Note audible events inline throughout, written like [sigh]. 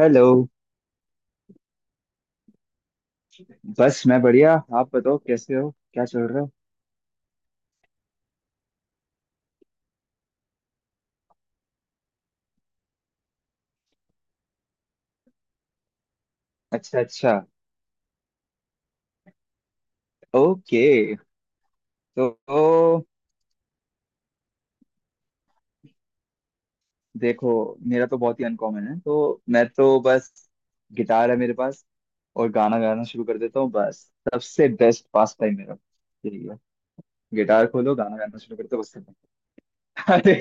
Hello. बस मैं बढ़िया। आप बताओ कैसे हो, क्या चल रहा है। अच्छा अच्छा। ओके। तो, तो देखो, मेरा तो बहुत ही अनकॉमन है तो मैं तो बस गिटार है मेरे पास और गाना गाना शुरू कर देता हूँ बस। सबसे बेस्ट पास टाइम मेरा यही है। गिटार खोलो, गाना गाना शुरू करते हो, बस खत्म। [laughs] अरे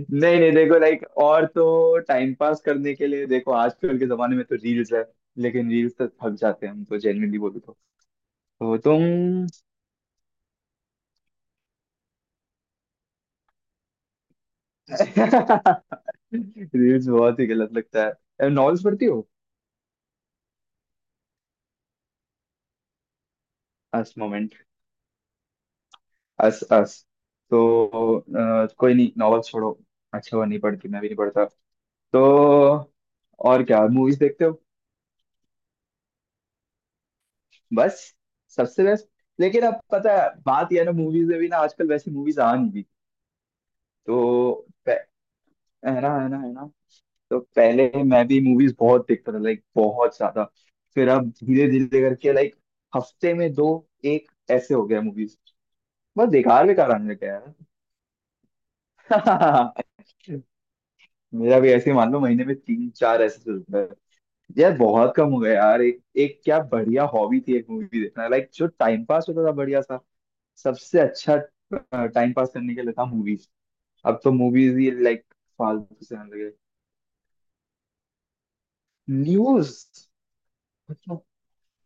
नहीं नहीं, देखो लाइक और तो टाइम पास करने के लिए देखो आजकल के जमाने में तो रील्स है। लेकिन रील्स तो थक जाते हैं हम तो, जेन्युइनली बोलूँ तो तुम रील्स बहुत ही गलत लगता है। नॉवेल्स पढ़ती हो? अस मोमेंट अस अस तो कोई नहीं, नॉवेल छोड़ो। अच्छा हुआ नहीं पढ़ती, मैं भी नहीं पढ़ता। तो और क्या, मूवीज देखते हो? बस सबसे बेस्ट। लेकिन अब पता है बात यह है ना, मूवीज में भी ना आजकल वैसी मूवीज आ नहीं रही। तो प- है ना है ना है ना। तो पहले मैं भी मूवीज बहुत देखता था, लाइक बहुत ज्यादा। फिर अब धीरे धीरे करके लाइक हफ्ते में दो एक ऐसे हो गया मूवीज। बस बेकार बेकार आने लगे यार। [laughs] मेरा भी ऐसे ही, मान लो महीने में तीन चार ऐसे चलता है। यार बहुत कम हो गया यार, एक एक क्या बढ़िया हॉबी थी एक मूवी देखना, लाइक जो टाइम पास होता था बढ़िया सा। सबसे अच्छा टाइम पास करने के लिए था मूवीज। अब तो मूवीज ही लाइक फालतू से आने लगे। न्यूज? मतलब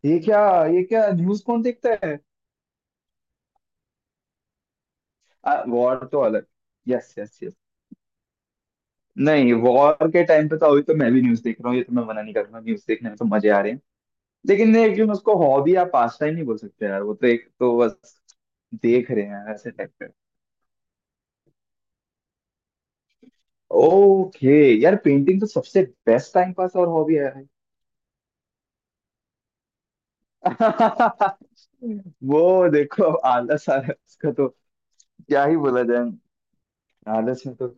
ये क्या, ये क्या, न्यूज कौन देखता है। वॉर तो अलग। Yes yes yes. नहीं, वॉर के टाइम पे था, अभी तो मैं भी न्यूज देख रहा हूँ, ये तो मैं मना नहीं कर रहा, न्यूज देखने में तो मजे आ रहे हैं। लेकिन लेकिन उसको हॉबी या पास टाइम नहीं बोल सकते यार, वो तो एक तो बस देख रहे हैं ऐसे टाइप पे। ओके। यार पेंटिंग तो सबसे बेस्ट टाइम पास और हॉबी है भाई। [laughs] वो देखो, अब आलस आ रहा है उसका, तो क्या ही बोला जाए। आलस में तो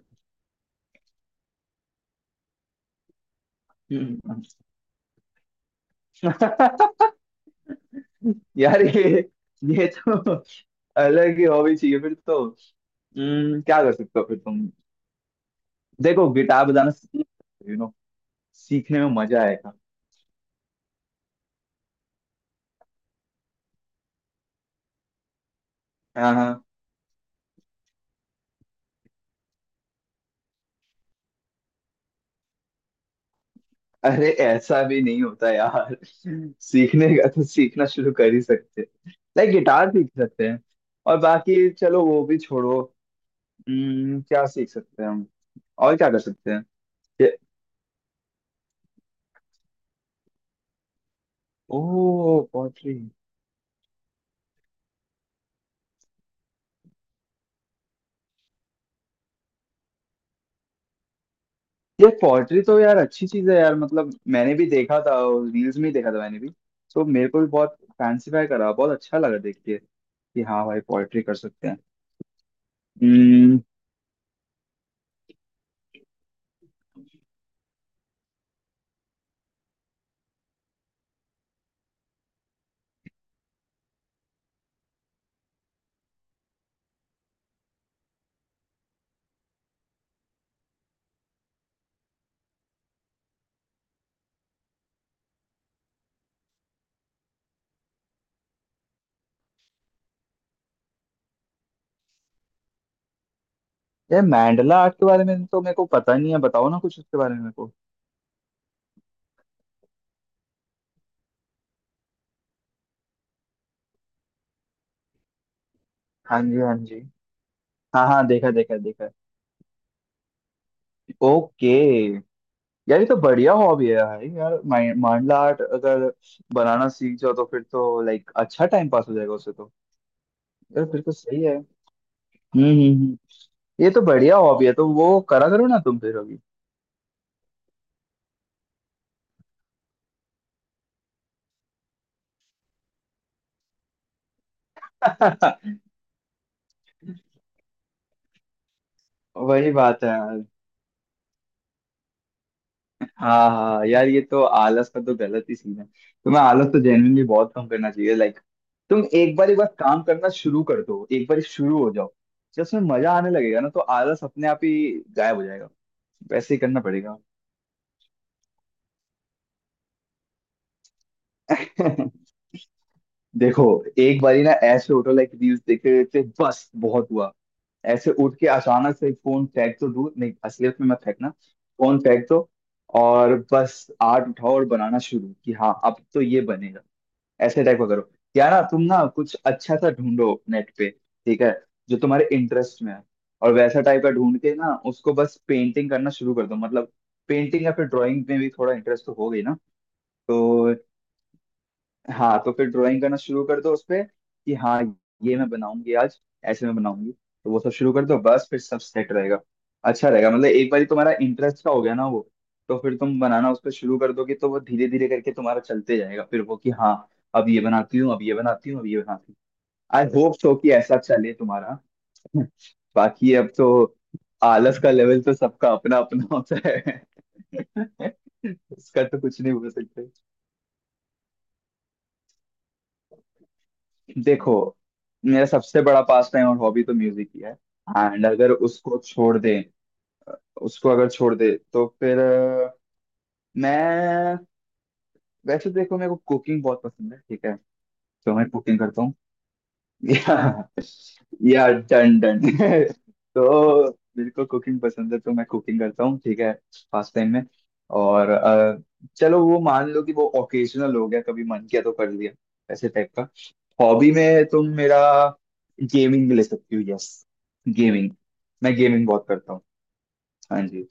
हम्म। [laughs] यार ये तो अलग ही हॉबी चाहिए फिर तो। क्या कर सकते हो फिर तुम? देखो गिटार बजाना सीखो, यू नो सीखने में मजा आएगा। हाँ हाँ। अरे ऐसा भी नहीं होता यार, सीखने का तो सीखना शुरू कर ही सकते, लाइक गिटार सीख सकते हैं। और बाकी चलो वो भी छोड़ो। क्या सीख सकते हैं हम और क्या कर सकते हैं? ये, ओ पॉटरी। ये पॉटरी तो यार अच्छी चीज है यार, मतलब मैंने भी देखा था, रील्स में ही देखा था मैंने भी। तो मेरे को भी बहुत फैंसीफाई करा, बहुत अच्छा लगा देख के कि हाँ भाई पोएट्री कर सकते हैं। हम्म। यार मैंडला आर्ट के बारे में तो मेरे को पता नहीं है, बताओ ना कुछ उसके बारे में मेरे को। हाँ जी हाँ जी, हाँ हाँ देखा देखा देखा। ओके। यार ये तो बढ़िया हॉबी है यार, यार मांडला आर्ट अगर बनाना सीख जाओ तो फिर तो लाइक अच्छा टाइम पास हो जाएगा उससे तो। यार फिर तो सही है। हम्म हम्म हम्म। ये तो बढ़िया हॉबी है, तो वो करा करो ना तुम फिर अभी। [laughs] वही बात है यार। हाँ हाँ यार, ये तो आलस का तो गलत ही सीन है। तुम्हें आलस तो जेन्युइनली बहुत कम करना चाहिए लाइक, तुम एक बार काम करना शुरू कर दो, एक बार शुरू हो जाओ, जब उसमें मजा आने लगेगा ना तो आलस अपने आप ही गायब हो जाएगा। वैसे ही करना पड़ेगा। [laughs] देखो, एक बारी ना ऐसे उठो लाइक, रील्स देखते देखते बस बहुत हुआ। ऐसे उठ के अचानक से फोन फेंक, तो दूर नहीं असलियत में मत फेंकना, फोन फेंक दो। और बस आर्ट उठाओ और बनाना शुरू कि हाँ अब तो ये बनेगा, ऐसे टाइप का करो। या ना तुम ना कुछ अच्छा सा ढूंढो नेट पे, ठीक है, जो तुम्हारे इंटरेस्ट में है और वैसा टाइप का ढूंढ के ना उसको बस पेंटिंग करना शुरू कर दो, मतलब पेंटिंग या फिर ड्राइंग में भी थोड़ा इंटरेस्ट तो हो गई ना। तो हाँ, तो फिर ड्राइंग करना शुरू कर दो उस पे कि हाँ ये मैं बनाऊंगी आज, ऐसे मैं बनाऊंगी, तो वो सब शुरू कर दो बस, फिर सब सेट रहेगा। अच्छा रहेगा, मतलब एक बार तुम्हारा इंटरेस्ट का हो गया ना वो, तो फिर तुम बनाना उस पर शुरू कर दोगे तो वो धीरे धीरे करके तुम्हारा चलते जाएगा, फिर वो कि हाँ अब ये बनाती हूँ, अब ये बनाती हूँ, अब ये बनाती हूँ। आई होप सो कि ऐसा चले तुम्हारा। [laughs] बाकी अब तो आलस का लेवल तो सबका अपना अपना होता है। [laughs] उसका तो कुछ नहीं बोल सकते। देखो, मेरा सबसे बड़ा पास टाइम और हॉबी तो म्यूजिक ही है। एंड अगर उसको छोड़ दे, उसको अगर छोड़ दे तो फिर मैं वैसे देखो मेरे को कुकिंग बहुत पसंद है, ठीक है। तो मैं कुकिंग करता, या, या डन डन [laughs] तो मेरे को कुकिंग पसंद है तो मैं कुकिंग करता हूँ ठीक है, फास्ट टाइम में। और चलो वो मान लो कि वो ओकेजनल हो गया, कभी मन किया तो कर लिया, ऐसे टाइप का। हॉबी में तुम मेरा गेमिंग ले सकती हो, यस गेमिंग। मैं गेमिंग बहुत करता हूँ। हाँ जी,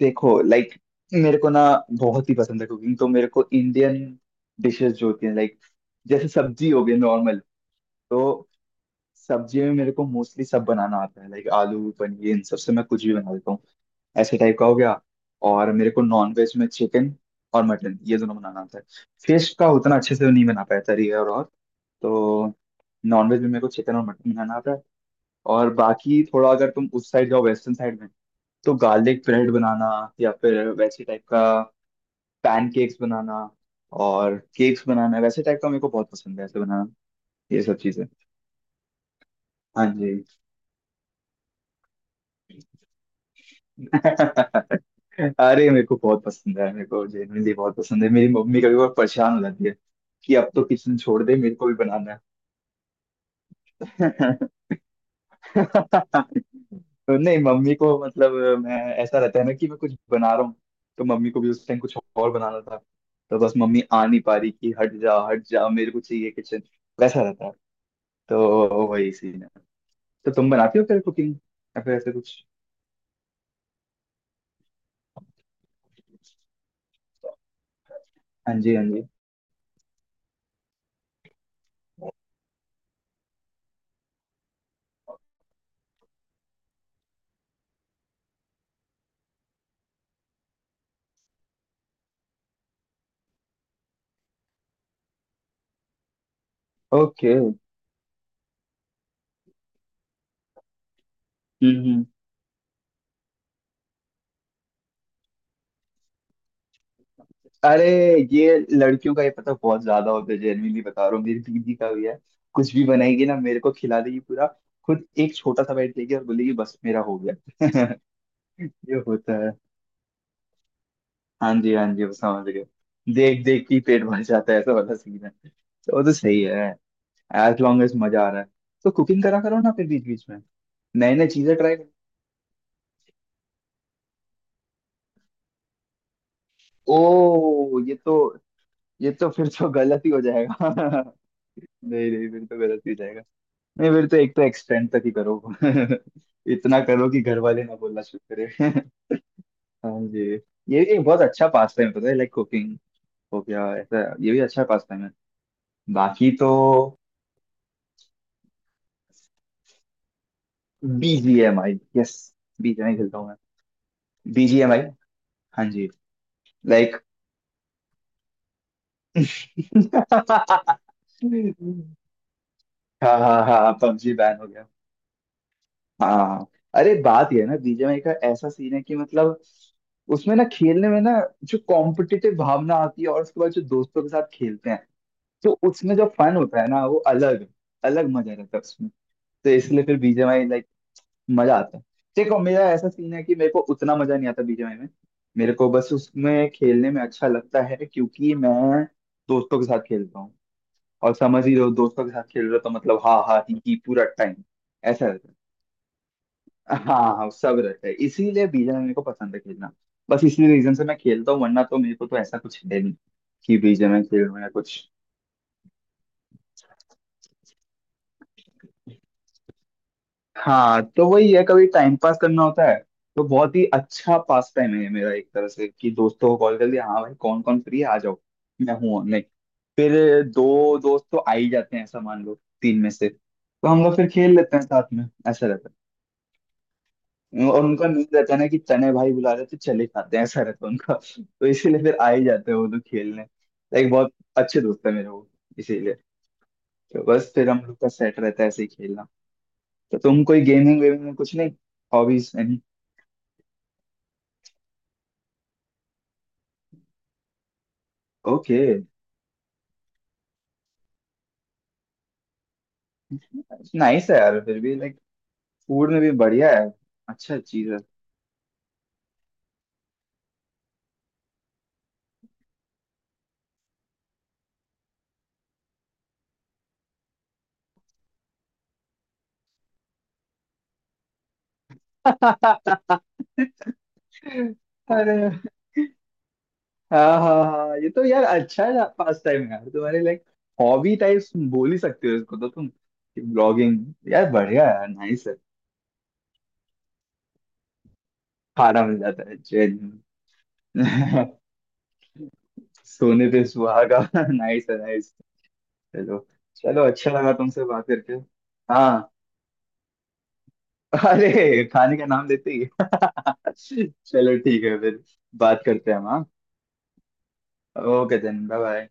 देखो लाइक, मेरे को ना बहुत ही पसंद है कुकिंग, तो मेरे को इंडियन डिशेस जो होती हैं लाइक, जैसे सब्जी हो गई नॉर्मल। तो सब्जी में मेरे को मोस्टली सब बनाना आता है, लाइक आलू पनीर इन सब से मैं कुछ भी बना लेता हूँ, ऐसे टाइप का हो गया। और मेरे को नॉन वेज में चिकन और मटन ये दोनों बनाना आता है। फिश का उतना अच्छे से नहीं बना पाया था रियर और। तो नॉन वेज में मेरे को चिकन और मटन बनाना आता है। और बाकी थोड़ा अगर तुम उस साइड जाओ वेस्टर्न साइड में, तो गार्लिक ब्रेड बनाना या फिर वैसे टाइप का पैनकेक्स बनाना और केक्स बनाना, वैसे टाइप का मेरे को बहुत पसंद है ऐसे बनाना ये सब चीजें। हाँ जी, अरे मेरे को बहुत पसंद है, मेरे को जेनुइनली बहुत पसंद है, मेरी मम्मी कभी बहुत परेशान हो जाती है कि अब तो किचन छोड़ दे, मेरे को भी बनाना है। तो नहीं मम्मी को मतलब मैं, ऐसा रहता है ना कि मैं कुछ बना रहा हूँ तो मम्मी को भी उस टाइम कुछ और बनाना था, तो बस मम्मी आ नहीं पा रही कि हट जा मेरे को चाहिए किचन, वैसा रहता है, तो वही सीन है। तो तुम बनाती हो फिर कुकिंग, या फिर ऐसे कुछ? हाँ जी हाँ जी। ओके अरे, ये लड़कियों का ये पता बहुत ज्यादा होता है, जेन्युइनली बता रहा हूँ, मेरी दीदी का भी है, कुछ भी बनाएगी ना मेरे को खिला देगी पूरा, खुद एक छोटा सा बैठ लेगी और बोलेगी बस मेरा हो गया। [laughs] ये होता है। हाँ जी हाँ जी, वो समझ गए। देख देख के ही पेट भर जाता है, ऐसा वाला सीन है, तो वो तो सही है। एज लॉन्ग एज मजा आ रहा है तो कुकिंग करा करो ना फिर बीच बीच में, नए नए चीजें ट्राई करो। ओ ये तो, ये तो फिर तो गलत ही हो जाएगा। [laughs] नहीं नहीं फिर तो गलत ही हो जाएगा। नहीं फिर तो एक तो एक्सटेंड तक ही करो। [laughs] इतना करो कि घर वाले ना बोलना शुरू करें। [laughs] हाँ जी, ये एक बहुत अच्छा पास टाइम पता है लाइक, कुकिंग हो गया ऐसा, ये भी अच्छा पास टाइम है। बाकी तो बीजीएमआई, यस बीजीएमआई खेलता हूँ मैं, बीजीएमआई। हाँ जी लाइक। [laughs] हाँ हाँ हाँ पबजी बैन हो। हाँ अरे बात यह है ना, बीजीएमआई का ऐसा सीन है कि मतलब उसमें ना खेलने में ना जो कॉम्पिटिटिव भावना आती है और उसके बाद जो दोस्तों के साथ खेलते हैं तो उसमें जो फन होता है ना, वो अलग अलग मजा रहता है उसमें। तो इसलिए फिर बीजीएमआई लाइक मजा आता है। देखो, मेरा ऐसा सीन है कि मेरे को उतना मजा नहीं आता बीजीएमआई में, मेरे को बस उसमें खेलने में अच्छा लगता है क्योंकि मैं दोस्तों के साथ खेलता हूँ, और समझ ही रहो दोस्तों के साथ खेल रहे हो तो मतलब हाँ हाँ, ही पूरा टाइम ऐसा रहता है। हाँ हाँ सब रहता है, इसीलिए बीजन मेरे को पसंद है खेलना, बस इसी रीजन से मैं खेलता हूँ वरना तो मेरे को तो ऐसा कुछ है नहीं कि बीजन में खेलूँ या कुछ। हाँ तो वही है, कभी टाइम पास करना होता है तो बहुत ही अच्छा पास टाइम है मेरा एक तरह से, कि दोस्तों को कॉल कर लिया हाँ भाई कौन कौन फ्री है आ जाओ मैं हूँ ऑनलाइन। फिर दो दोस्त तो आ ही जाते हैं ऐसा मान लो, तीन में से, तो हम लोग फिर खेल लेते हैं साथ में, ऐसा रहता है। और उनका मेन रहता है ना कि तने भाई बुला रहे हैं, तो चले खाते हैं, ऐसा रहता है उनका। तो इसीलिए फिर आ ही जाते हैं वो लोग खेलने, लाइक बहुत अच्छे दोस्त है मेरे वो, इसीलिए। तो बस फिर हम लोग का सेट रहता है ऐसे ही खेलना। तो तुम कोई गेमिंग वेमिंग में कुछ नहीं, हॉबीज एनी? ओके, नाइस है यार फिर भी लाइक, फूड में भी बढ़िया है, अच्छा चीज है। [laughs] अरे हाँ हाँ हाँ, ये तो यार अच्छा है पास टाइम, यार तुम्हारे लाइक हॉबी टाइप बोल ही सकते हो इसको तो तुम, ब्लॉगिंग, यार बढ़िया है, नाइस है। खाना मिल जाता है चैन। [laughs] सोने पे सुहागा। [laughs] नाइस है नाइस। चलो। चलो अच्छा लगा तुमसे बात करके। हाँ, अरे खाने का नाम लेते ही [laughs] चलो ठीक है फिर, बात करते हैं हम। हाँ ओके देन बाय बाय।